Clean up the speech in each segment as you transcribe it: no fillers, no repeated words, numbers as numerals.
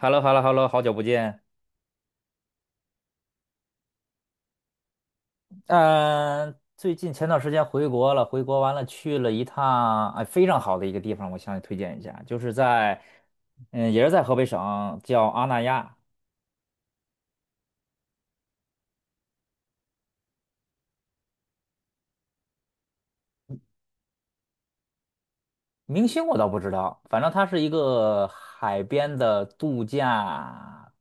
h e l l o h e l l o h e l l o 好久不见。嗯、最近前段时间回国了，回国完了去了一趟，哎，非常好的一个地方，我向你推荐一下，就是在，嗯，也是在河北省，叫阿那亚。明星我倒不知道，反正它是一个海边的度假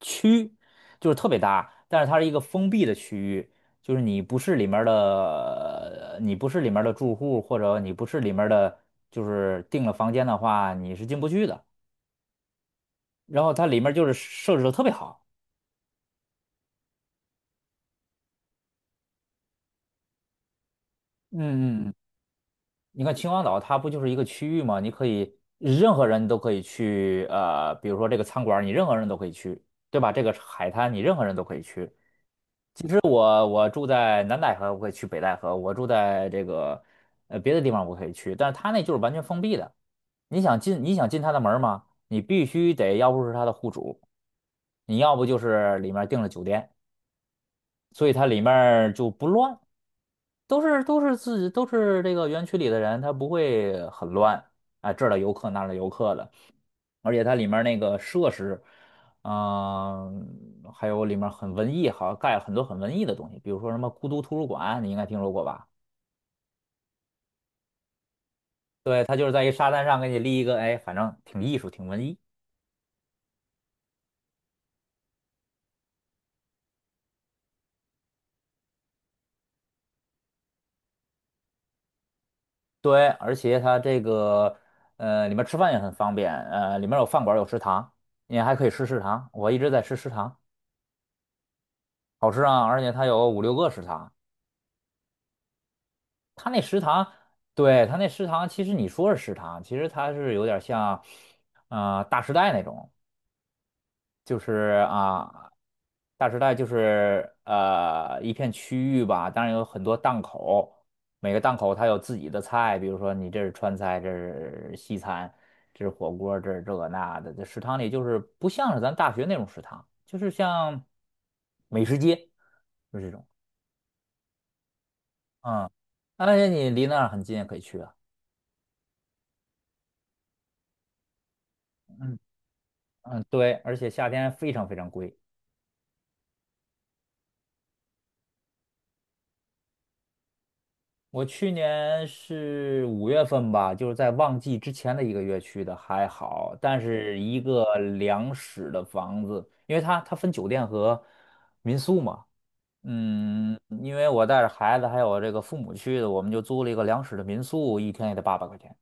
区，就是特别大，但是它是一个封闭的区域，就是你不是里面儿的，你不是里面儿的住户，或者你不是里面儿的，就是订了房间的话，你是进不去的。然后它里面就是设置的特别好。嗯嗯，你看秦皇岛它不就是一个区域吗？你可以任何人都可以去，比如说这个餐馆儿你任何人都可以去，对吧？这个海滩你任何人都可以去。其实我住在南戴河，我可以去北戴河；我住在这个别的地方我可以去，但是它那就是完全封闭的。你想进你想进它的门儿吗？你必须得要不是它的户主，你要不就是里面订了酒店，所以它里面儿就不乱。都是自己都是这个园区里的人，他不会很乱啊，这儿的游客那儿的游客的，而且它里面那个设施，还有里面很文艺，好像盖了很多很文艺的东西，比如说什么孤独图书馆，你应该听说过吧？对，它就是在一沙滩上给你立一个，哎，反正挺艺术，挺文艺。对，而且它这个里面吃饭也很方便，里面有饭馆有食堂，你还可以吃食堂，我一直在吃食堂，好吃啊，而且它有5、6个食堂。他那食堂，对，他那食堂，其实你说是食堂，其实它是有点像，大时代那种，就是啊，大时代就是一片区域吧，当然有很多档口，每个档口它有自己的菜，比如说你这是川菜，这是西餐，这是火锅，这是这个那的，这食堂里就是不像是咱大学那种食堂，就是像美食街，就是这种，嗯，而且你离那儿很近也可以去啊。嗯嗯，对，而且夏天非常非常贵。我去年是5月份吧，就是在旺季之前的一个月去的，还好。但是一个两室的房子，因为它分酒店和民宿嘛，嗯，因为我带着孩子还有这个父母去的，我们就租了一个两室的民宿，一天也得800块钱，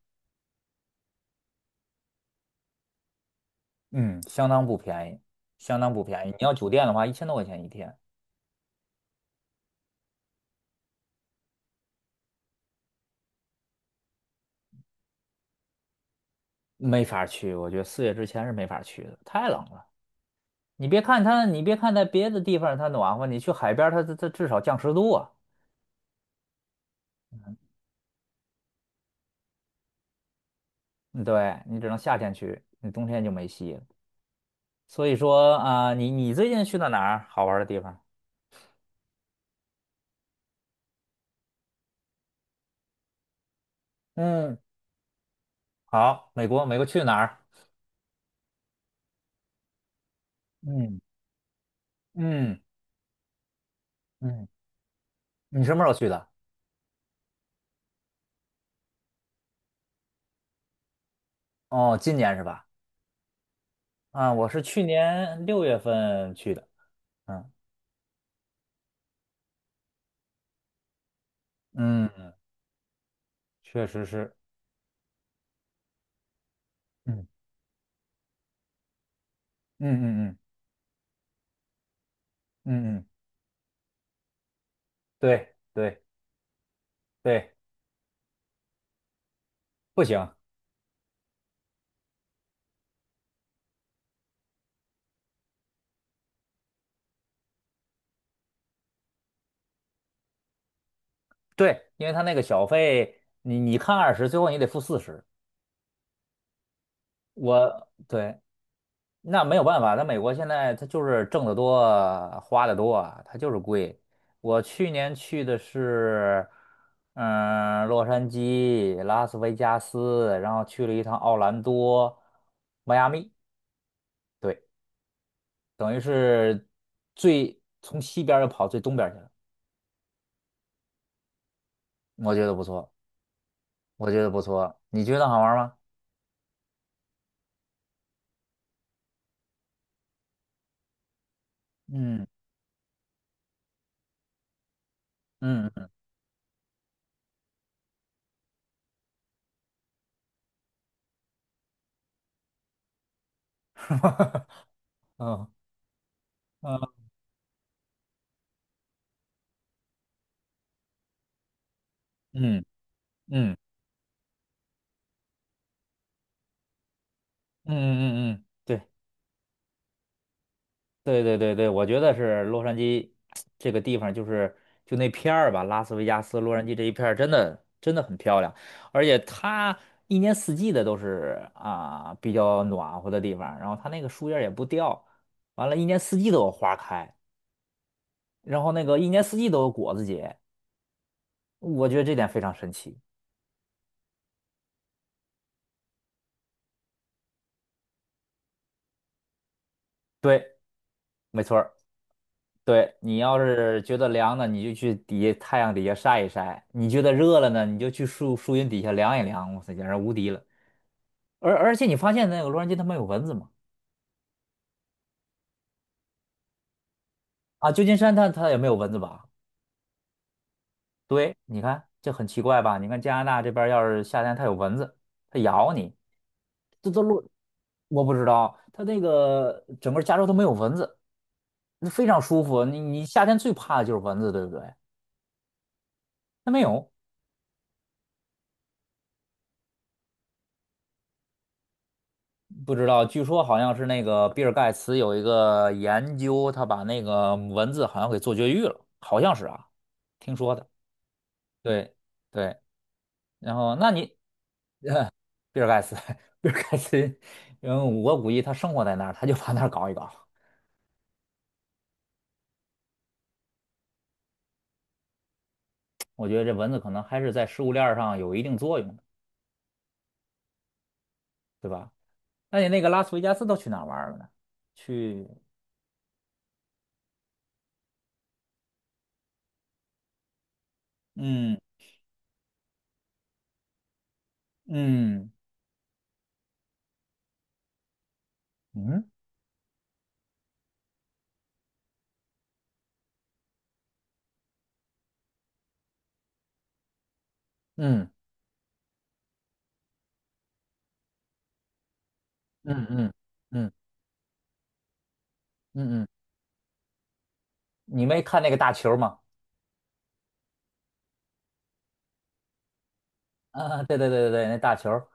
嗯，相当不便宜，相当不便宜。你要酒店的话，1000多块钱一天，没法去，我觉得4月之前是没法去的，太冷了。你别看它，你别看在别的地方它暖和，你去海边儿它至少降10度啊。嗯对，你只能夏天去，你冬天就没戏了。所以说啊、你最近去到哪儿好玩儿的地方？嗯，好，美国，美国去哪儿？嗯嗯嗯，你什么时候去的？哦，今年是吧？啊，我是去年6月份去的。嗯嗯，确实是。嗯嗯嗯嗯嗯嗯，对对对，不行，对，因为他那个小费，你看20，最后你得付40。我对，那没有办法，他美国现在他就是挣得多，花得多他就是贵。我去年去的是，嗯，洛杉矶、拉斯维加斯，然后去了一趟奥兰多、迈阿密，对，等于是最从西边儿又跑最东边儿去了，我觉得不错，我觉得不错，你觉得好玩吗？嗯嗯 嗯嗯。嗯嗯嗯嗯嗯嗯，对对对对对，我觉得是洛杉矶这个地方，就是就那片儿吧，拉斯维加斯、洛杉矶这一片儿，真的真的很漂亮，而且它一年四季的都是啊比较暖和的地方，然后它那个树叶儿也不掉，完了，一年四季都有花开，然后那个一年四季都有果子结，我觉得这点非常神奇。对，没错儿。对，你要是觉得凉呢，你就去底下太阳底下晒一晒；你觉得热了呢，你就去树树荫底下凉一凉。哇塞，简直无敌了！而且你发现那个洛杉矶它没有蚊子吗？啊，旧金山它也没有蚊子吧？对，你看这很奇怪吧？你看加拿大这边儿要是夏天它有蚊子，它咬你，这都落我不知道，它那个整个加州都没有蚊子，那非常舒服。你夏天最怕的就是蚊子，对不对？它没有。不知道，据说好像是那个比尔盖茨有一个研究，他把那个蚊子好像给做绝育了，好像是啊，听说的。对对，然后那你比尔盖茨，比尔盖茨，因为我估计他生活在那儿，他就把那儿搞一搞。我觉得这蚊子可能还是在食物链儿上有一定作用的，对吧？那你那个拉斯维加斯都去哪儿玩儿了呢？去，嗯嗯嗯嗯嗯嗯嗯嗯嗯，你没看那个大球吗？啊，对对对对对，那大球儿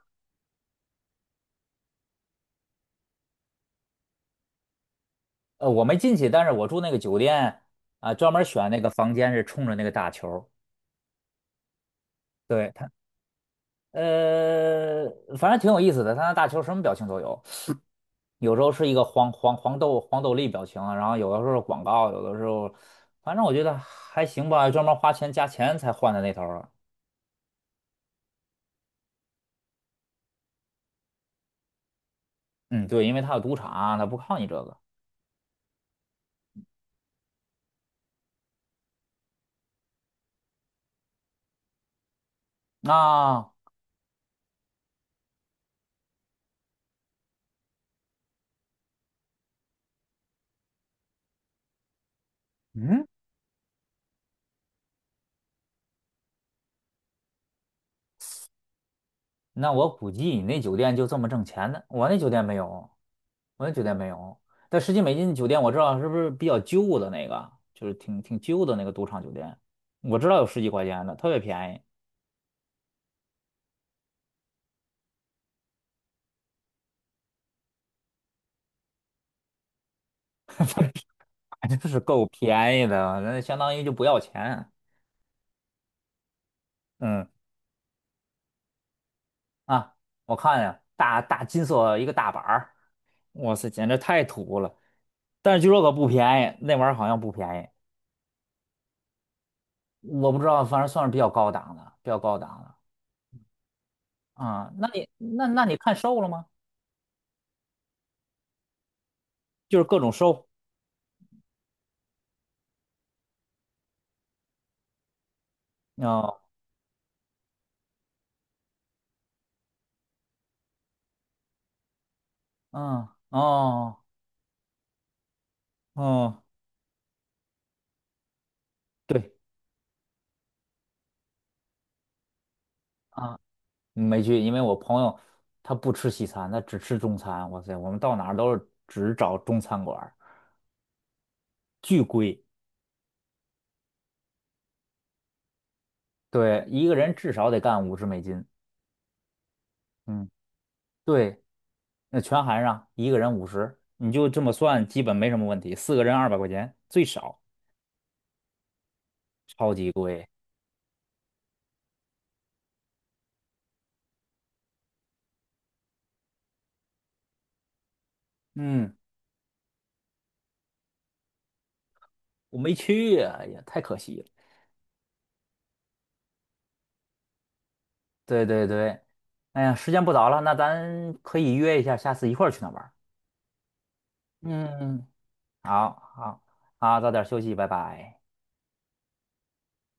我没进去，但是我住那个酒店啊，专门选那个房间是冲着那个大球儿对他，呃，反正挺有意思的，他那大球儿什么表情都有，有时候是一个黄豆粒表情啊，然后有的时候是广告，有的时候，反正我觉得还行吧，专门花钱加钱才换的那头儿啊嗯，对，因为他有赌场，他不靠你这个。那、啊嗯，那我估计你那酒店就这么挣钱的，我那酒店没有，我那酒店没有。但十几美金的酒店我知道是不是比较旧的那个，就是挺旧的那个赌场酒店，我知道有十几块钱的，特别便宜，真是够便宜的，那相当于就不要钱。嗯啊，我看呀，大大金色一个大板儿，哇塞，简直太土了。但是据说可不便宜，那玩意儿好像不便宜，我不知道，反正算是比较高档的，比较高档的。啊，那你那那你看瘦了吗？就是各种收。哦，嗯，哦，哦，对啊，没去，因为我朋友他不吃西餐，他只吃中餐。哇塞，我们到哪儿都是只找中餐馆儿，巨贵。对，一个人至少得干50美金。嗯，对，那全含上，一个人五十，你就这么算，基本没什么问题。四个人200块钱最少，超级贵。嗯，我没去呀，哎呀，太可惜了。对对对，哎呀，时间不早了，那咱可以约一下，下次一块儿去那玩儿。嗯，好好好，早点休息，拜拜。